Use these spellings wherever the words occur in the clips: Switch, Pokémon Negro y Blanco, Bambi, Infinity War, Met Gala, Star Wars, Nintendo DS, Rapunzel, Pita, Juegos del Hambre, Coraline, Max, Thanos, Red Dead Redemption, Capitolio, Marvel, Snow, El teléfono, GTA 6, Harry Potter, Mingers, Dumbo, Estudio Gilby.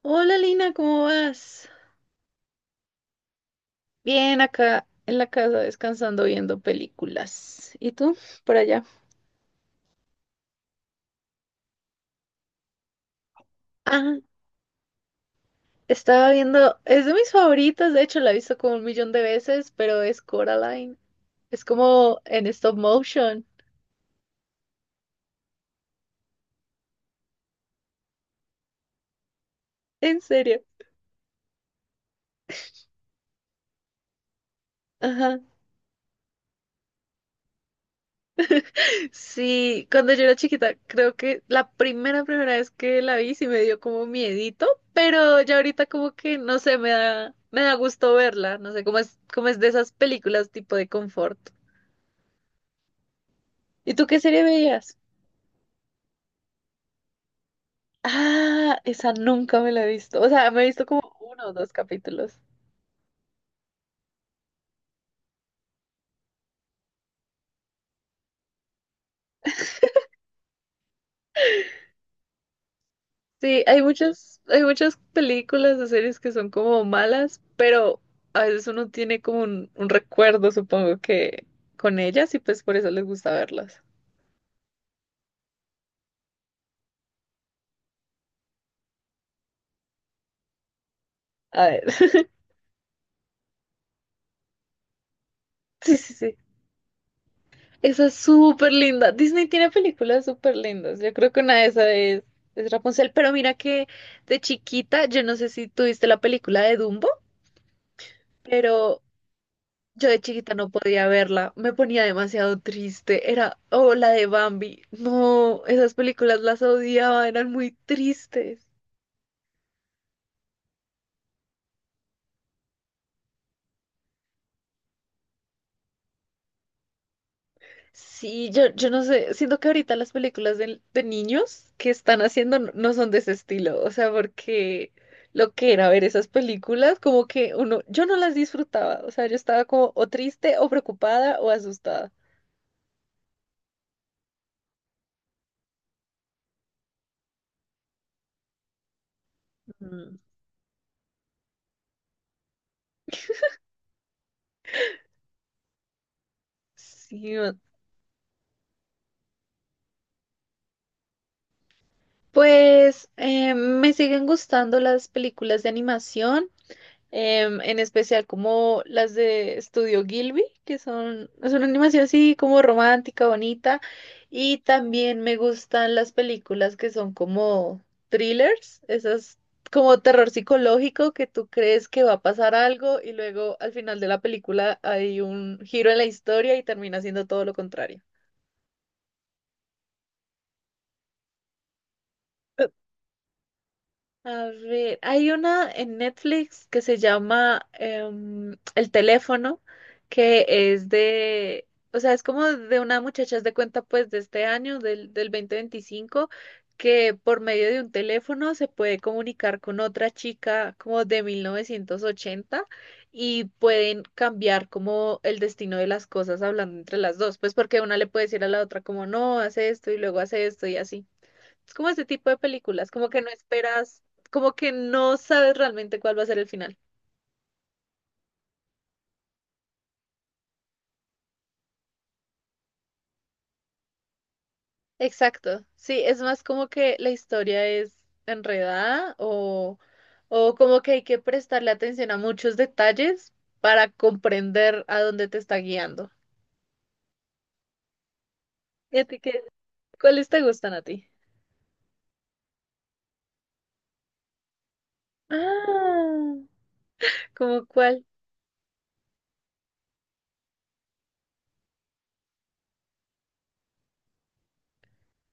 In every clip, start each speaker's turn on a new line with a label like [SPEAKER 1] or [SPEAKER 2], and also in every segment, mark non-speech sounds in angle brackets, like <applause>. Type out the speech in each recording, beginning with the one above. [SPEAKER 1] Hola Lina, ¿cómo vas? Bien, acá en la casa descansando viendo películas. ¿Y tú? Por allá. Ah, Estaba viendo, es de mis favoritas, de hecho la he visto como un millón de veces, pero es Coraline. Es como en stop motion. En serio. Ajá. Sí, cuando yo era chiquita, creo que la primera vez que la vi sí me dio como miedito, pero ya ahorita como que, no sé, me da gusto verla, no sé, como es de esas películas tipo de confort. ¿Y tú qué serie veías? Ah, esa nunca me la he visto. O sea, me he visto como uno o dos capítulos. Sí, hay muchas películas o series que son como malas, pero a veces uno tiene como un recuerdo, supongo que con ellas y pues por eso les gusta verlas. A ver. <laughs> Sí, sí, sí. Esa es súper linda. Disney tiene películas súper lindas. Yo creo que una de esas es Rapunzel. Pero mira que de chiquita, yo no sé si tuviste la película de Dumbo, pero yo de chiquita no podía verla, me ponía demasiado triste. Oh, la de Bambi. No, esas películas las odiaba, eran muy tristes. Sí, yo no sé, siento que ahorita las películas de niños que están haciendo no, no son de ese estilo, o sea, porque lo que era ver esas películas, como que uno, yo no las disfrutaba, o sea, yo estaba como o triste o preocupada o asustada. Mm, sí, pues me siguen gustando las películas de animación. En especial como las de Estudio Gilby, que son, es una animación así como romántica, bonita, y también me gustan las películas que son como thrillers, esas como terror psicológico que tú crees que va a pasar algo y luego al final de la película hay un giro en la historia y termina siendo todo lo contrario. A ver, hay una en Netflix que se llama El teléfono, que es o sea, es como de una muchacha haz de cuenta pues de este año, del 2025 que por medio de un teléfono se puede comunicar con otra chica como de 1980 y pueden cambiar como el destino de las cosas hablando entre las dos, pues porque una le puede decir a la otra como no, hace esto y luego hace esto y así. Es como ese tipo de películas, como que no esperas, como que no sabes realmente cuál va a ser el final. Exacto, sí, es más como que la historia es enredada o como que hay que prestarle atención a muchos detalles para comprender a dónde te está guiando. ¿Y a ti qué? ¿Cuáles te gustan a ti? Ah, ¿cómo cuál?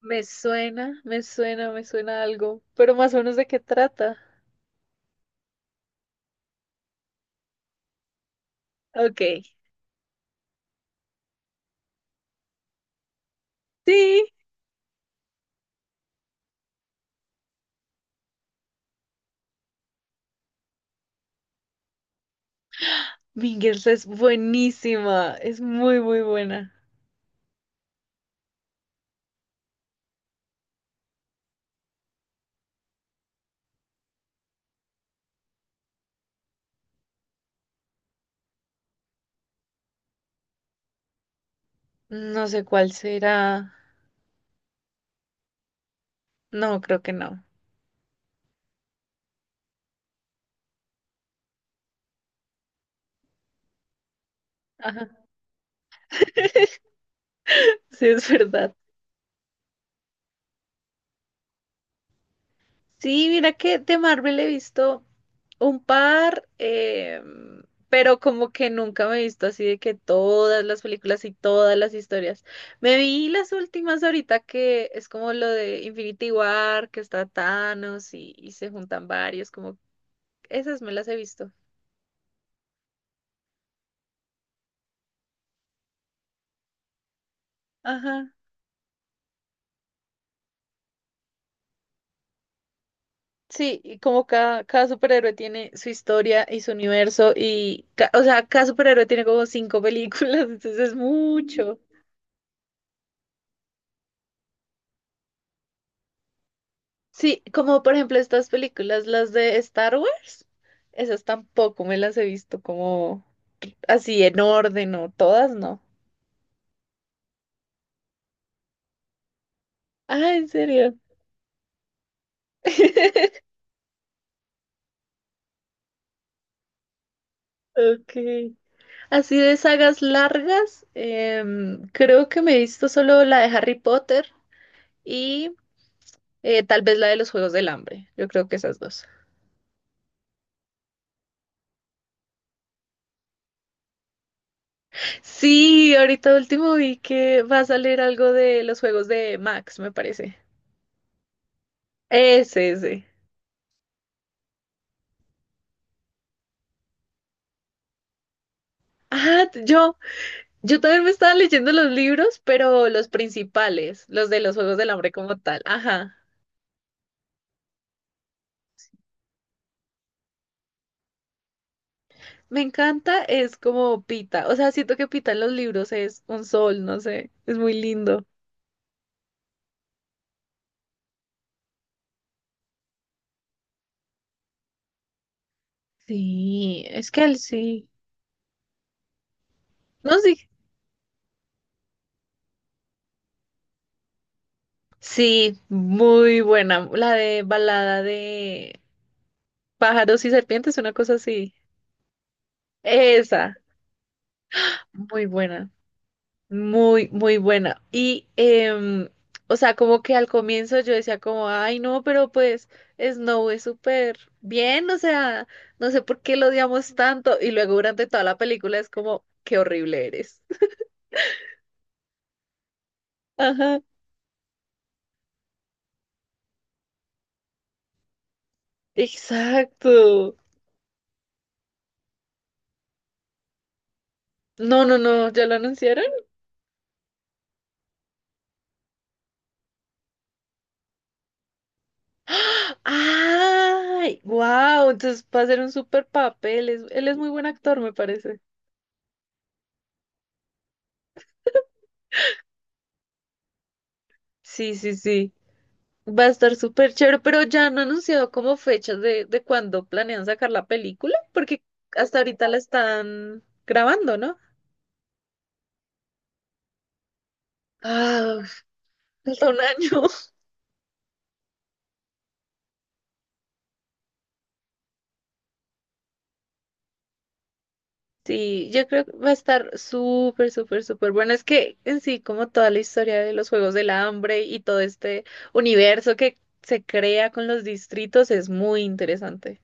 [SPEAKER 1] Me suena, me suena, me suena algo, pero más o menos de qué trata. Ok. Sí, Mingers es buenísima, es muy, muy buena. No sé cuál será. No, creo que no. Ajá, sí, es verdad. Sí, mira que de Marvel he visto un par, pero como que nunca me he visto así de que todas las películas y todas las historias. Me vi las últimas ahorita que es como lo de Infinity War, que está Thanos y se juntan varios, como esas me las he visto. Ajá. Sí, y como cada superhéroe tiene su historia y su universo y, o sea, cada superhéroe tiene como cinco películas, <laughs> entonces es mucho. Sí, como por ejemplo estas películas, las de Star Wars, esas tampoco me las he visto como así en orden o todas, no. Ah, ¿en serio? <laughs> Ok. Así de sagas largas, creo que me he visto solo la de Harry Potter y tal vez la de los Juegos del Hambre, yo creo que esas dos. Sí, ahorita último vi que va a salir algo de los juegos de Max, me parece. Ese, ese. Ah, t- yo, yo también me estaba leyendo los libros, pero los principales, los de los Juegos del Hambre como tal. Ajá. Me encanta, es como Pita. O sea, siento que Pita en los libros es un sol, no sé, es muy lindo. Sí, es que él sí. No, sí. Sí, muy buena. La de balada de pájaros y serpientes, una cosa así. Esa. Muy buena, muy, muy buena. Y, o sea, como que al comienzo yo decía como, ay, no, pero pues Snow es súper bien, o sea, no sé por qué lo odiamos tanto. Y luego durante toda la película es como, qué horrible eres. <laughs> Ajá, exacto. No, no, no, ¿ya lo anunciaron? ¡Ah! ¡Ay! ¡Wow! Entonces va a ser un súper papel. Él es muy buen actor, me parece. Sí, sí, sí. Va a estar súper chévere, pero ya han anunciado como fechas de cuándo planean sacar la película, porque hasta ahorita la están grabando, ¿no? Ah, <laughs> falta un año. <laughs> Sí, yo creo que va a estar súper, súper, súper bueno. Es que en sí, como toda la historia de los Juegos del Hambre y todo este universo que se crea con los distritos es muy interesante.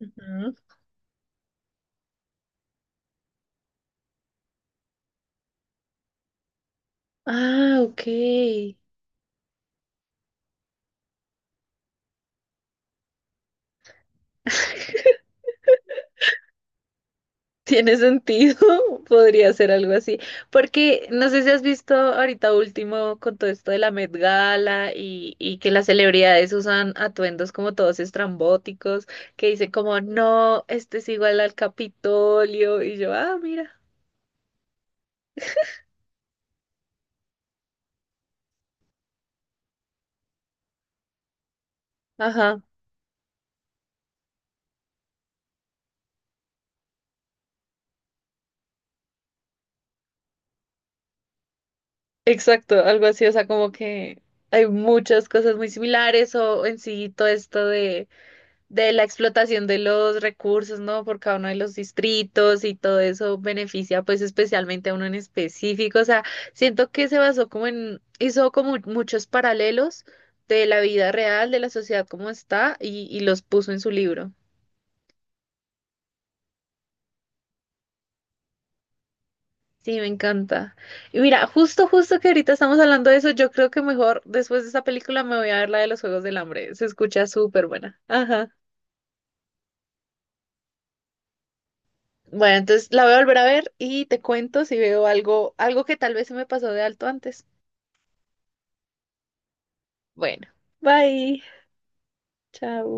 [SPEAKER 1] Ujú. Ah, ok. <laughs> Tiene sentido, <laughs> podría ser algo así, porque no sé si has visto ahorita último con todo esto de la Met Gala y que las celebridades usan atuendos como todos estrambóticos, que dicen como, no, este es igual al Capitolio, y yo, ah, mira, ajá, exacto, algo así, o sea, como que hay muchas cosas muy similares o en sí todo esto de la explotación de los recursos, ¿no? Por cada uno de los distritos y todo eso beneficia pues especialmente a uno en específico. O sea, siento que se basó hizo como muchos paralelos de la vida real, de la sociedad como está y los puso en su libro. Sí, me encanta. Y mira, justo, justo que ahorita estamos hablando de eso, yo creo que mejor después de esta película me voy a ver la de los Juegos del Hambre. Se escucha súper buena. Ajá. Bueno, entonces la voy a volver a ver y te cuento si veo algo, algo que tal vez se me pasó de alto antes. Bueno, bye. Chao.